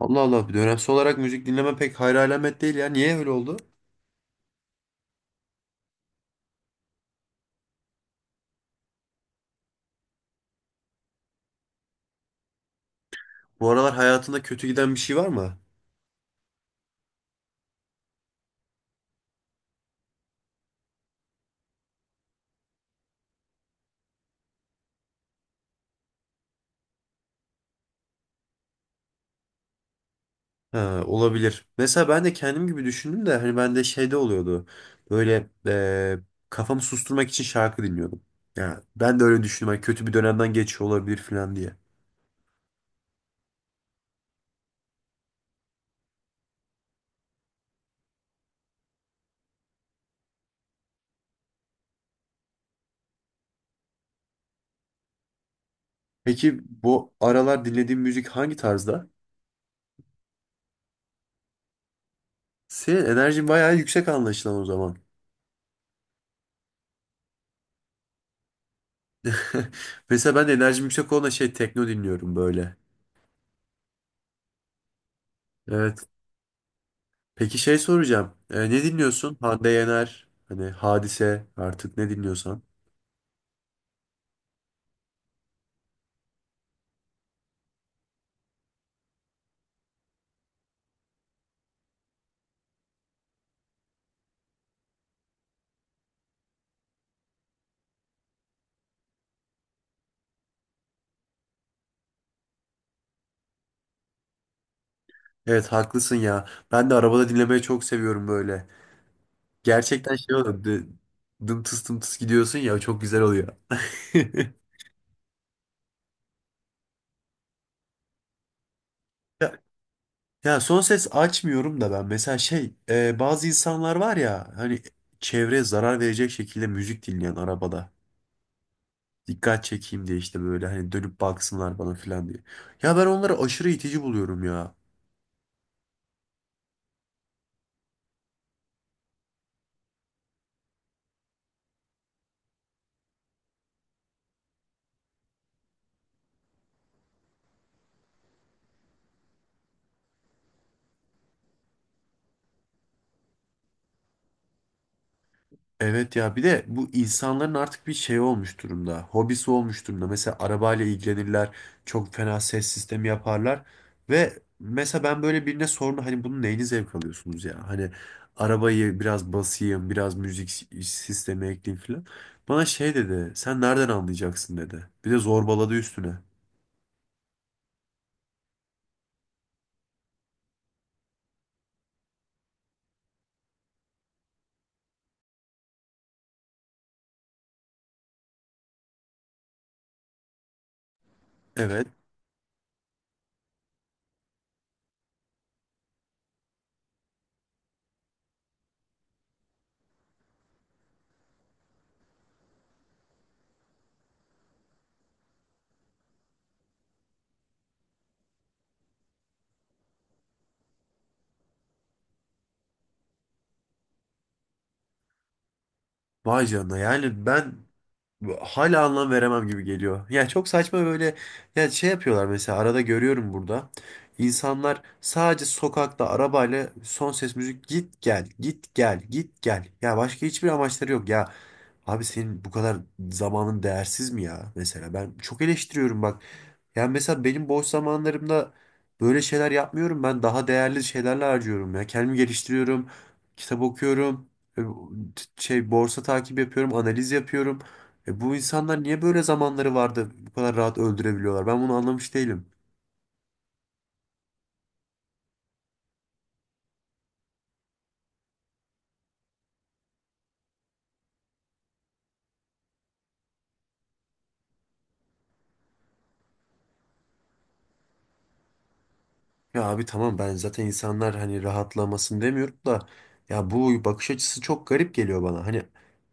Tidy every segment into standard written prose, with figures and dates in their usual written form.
Allah Allah. Dönemsel olarak müzik dinleme pek hayra alamet değil ya. Niye öyle oldu? Bu aralar hayatında kötü giden bir şey var mı? Ha, olabilir. Mesela ben de kendim gibi düşündüm de hani bende şeyde oluyordu. Böyle kafamı susturmak için şarkı dinliyordum. Ya ben de öyle düşündüm. Hani kötü bir dönemden geçiyor olabilir falan diye. Peki bu aralar dinlediğin müzik hangi tarzda? Senin enerjin bayağı yüksek anlaşılan o zaman. Mesela ben de enerjim yüksek olan şey tekno dinliyorum böyle. Evet. Peki şey soracağım. E, ne dinliyorsun? Hande Yener, hani Hadise artık ne dinliyorsan. Evet haklısın ya. Ben de arabada dinlemeyi çok seviyorum böyle. Gerçekten şey oluyor. Dım tıs dım tıs gidiyorsun ya çok güzel oluyor. Ya, ya son ses açmıyorum da ben mesela şey bazı insanlar var ya hani çevreye zarar verecek şekilde müzik dinleyen arabada. Dikkat çekeyim diye işte böyle hani dönüp baksınlar bana falan diye. Ya ben onları aşırı itici buluyorum ya. Evet ya bir de bu insanların artık bir şey olmuş durumda. Hobisi olmuş durumda. Mesela arabayla ilgilenirler. Çok fena ses sistemi yaparlar. Ve mesela ben böyle birine sordum. Hani bunun neyini zevk alıyorsunuz ya? Hani arabayı biraz basayım, biraz sistemi ekleyeyim falan. Bana şey dedi. Sen nereden anlayacaksın dedi. Bir de zorbaladı üstüne. Evet. Vay canına yani ben hala anlam veremem gibi geliyor. Ya çok saçma böyle ya şey yapıyorlar mesela arada görüyorum burada. İnsanlar sadece sokakta arabayla son ses müzik git gel git gel git gel. Ya başka hiçbir amaçları yok ya. Abi senin bu kadar zamanın değersiz mi ya mesela? Ben çok eleştiriyorum bak. Yani mesela benim boş zamanlarımda böyle şeyler yapmıyorum. Ben daha değerli şeylerle harcıyorum ya. Kendimi geliştiriyorum, kitap okuyorum, şey borsa takip yapıyorum, analiz yapıyorum. E bu insanlar niye böyle zamanları vardı bu kadar rahat öldürebiliyorlar? Ben bunu anlamış değilim. Ya abi tamam ben zaten insanlar hani rahatlamasın demiyorum da ya bu bakış açısı çok garip geliyor bana. Hani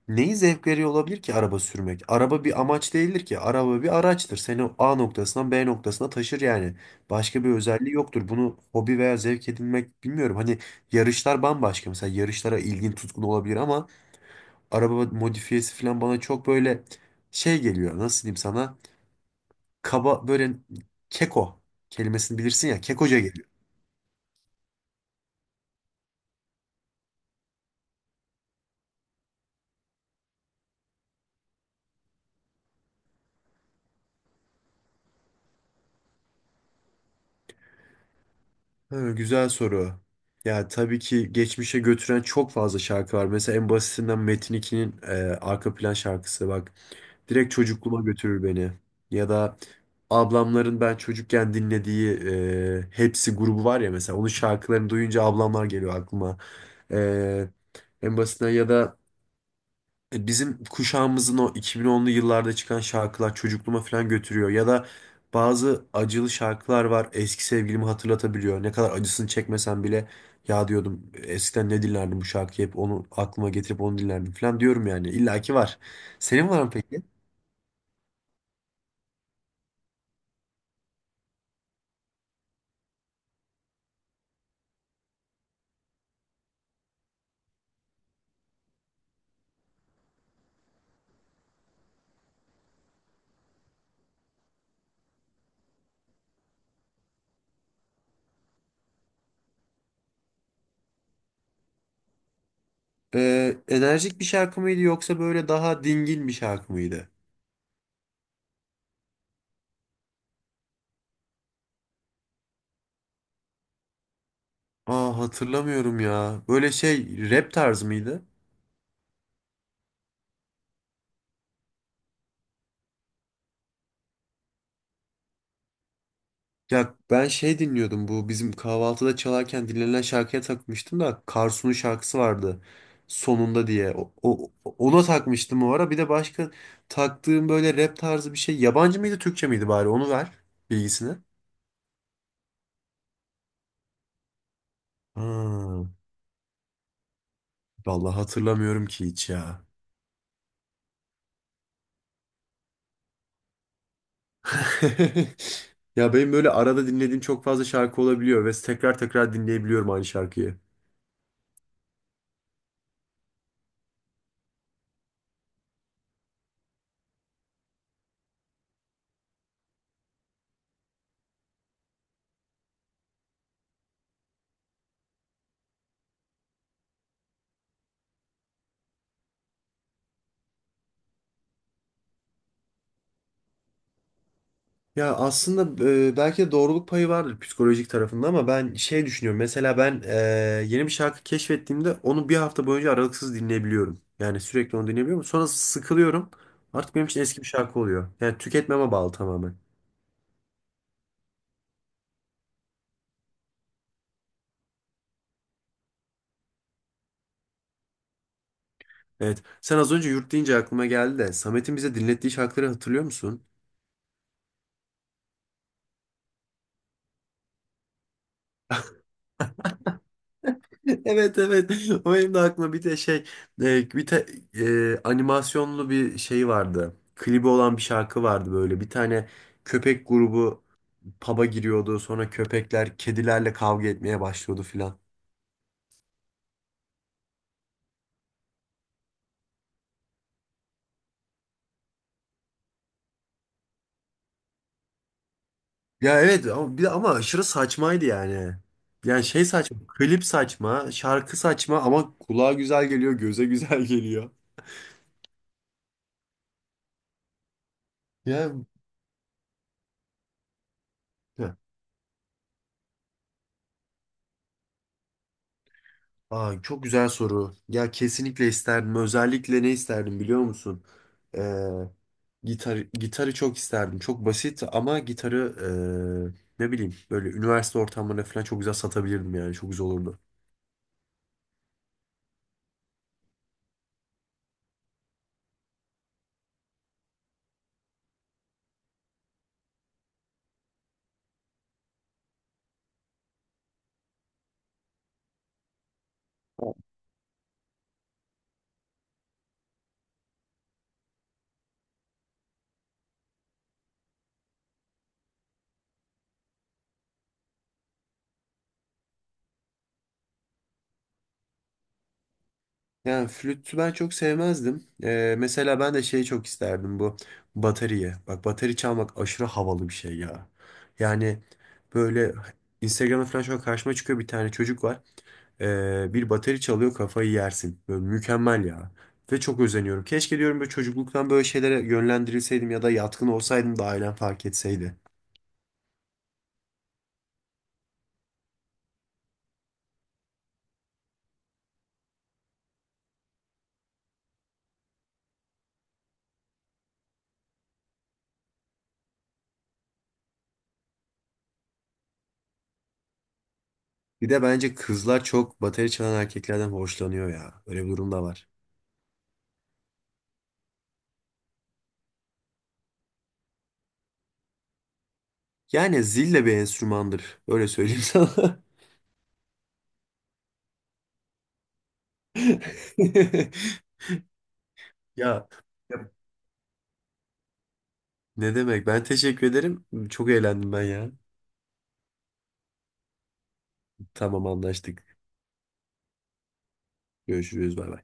neyi zevk veriyor olabilir ki araba sürmek? Araba bir amaç değildir ki. Araba bir araçtır. Seni A noktasından B noktasına taşır yani. Başka bir özelliği yoktur. Bunu hobi veya zevk edinmek bilmiyorum. Hani yarışlar bambaşka. Mesela yarışlara ilgin tutkun olabilir ama araba modifiyesi falan bana çok böyle şey geliyor. Nasıl diyeyim sana? Kaba böyle keko kelimesini bilirsin ya. Kekoca geliyor. Ha, güzel soru. Ya tabii ki geçmişe götüren çok fazla şarkı var. Mesela en basitinden Metin 2'nin arka plan şarkısı bak. Direkt çocukluğuma götürür beni. Ya da ablamların ben çocukken dinlediği Hepsi grubu var ya mesela. Onun şarkılarını duyunca ablamlar geliyor aklıma. E, En basitinden ya da bizim kuşağımızın o 2010'lu yıllarda çıkan şarkılar çocukluğuma falan götürüyor. Ya da bazı acılı şarkılar var eski sevgilimi hatırlatabiliyor. Ne kadar acısını çekmesem bile ya diyordum eskiden ne dinlerdim bu şarkıyı hep onu aklıma getirip onu dinlerdim falan diyorum yani. İlla ki var. Senin var mı peki? Enerjik bir şarkı mıydı yoksa böyle daha dingin bir şarkı mıydı? Aa hatırlamıyorum ya. Böyle şey rap tarzı mıydı? Ya ben şey dinliyordum bu bizim kahvaltıda çalarken dinlenen şarkıya takmıştım da Karsu'nun şarkısı vardı sonunda diye. Ona takmıştım o ara. Bir de başka taktığım böyle rap tarzı bir şey. Yabancı mıydı Türkçe miydi bari onu ver bilgisini. Ha, vallahi hatırlamıyorum ki hiç ya. Ya benim böyle arada dinlediğim çok fazla şarkı olabiliyor ve tekrar tekrar dinleyebiliyorum aynı şarkıyı. Ya aslında belki de doğruluk payı vardır psikolojik tarafında ama ben şey düşünüyorum. Mesela ben yeni bir şarkı keşfettiğimde onu bir hafta boyunca aralıksız dinleyebiliyorum. Yani sürekli onu dinleyebiliyorum. Sonra sıkılıyorum. Artık benim için eski bir şarkı oluyor. Yani tüketmeme bağlı tamamen. Evet. Sen az önce yurt deyince aklıma geldi de Samet'in bize dinlettiği şarkıları hatırlıyor musun? Evet evet. O benim de aklıma bir de şey e, bir te, animasyonlu bir şey vardı. Klibi olan bir şarkı vardı böyle. Bir tane köpek grubu pub'a giriyordu. Sonra köpekler kedilerle kavga etmeye başlıyordu filan. Ya evet ama, ama aşırı saçmaydı yani. Yani şey saçma, klip saçma, şarkı saçma ama kulağa güzel geliyor, göze güzel geliyor. Ya, ya. Aa, çok güzel soru. Ya kesinlikle isterdim. Özellikle ne isterdim biliyor musun? Ee, Gitarı çok isterdim. Çok basit ama gitarı ne bileyim böyle üniversite ortamlarında falan çok güzel satabilirdim yani. Çok güzel olurdu. Yani flütü ben çok sevmezdim. Mesela ben de şeyi çok isterdim bu bateriye. Bak bateri çalmak aşırı havalı bir şey ya. Yani böyle Instagram'da falan şu an karşıma çıkıyor bir tane çocuk var. Bir bateri çalıyor kafayı yersin. Böyle mükemmel ya. Ve çok özeniyorum. Keşke diyorum böyle çocukluktan böyle şeylere yönlendirilseydim ya da yatkın olsaydım da ailem fark etseydi. Bir de bence kızlar çok bateri çalan erkeklerden hoşlanıyor ya. Öyle bir durum da var. Yani zil de bir enstrümandır. Öyle söyleyeyim sana. Ya ya ne demek? Ben teşekkür ederim. Çok eğlendim ben ya. Tamam anlaştık. Görüşürüz. Bay bay.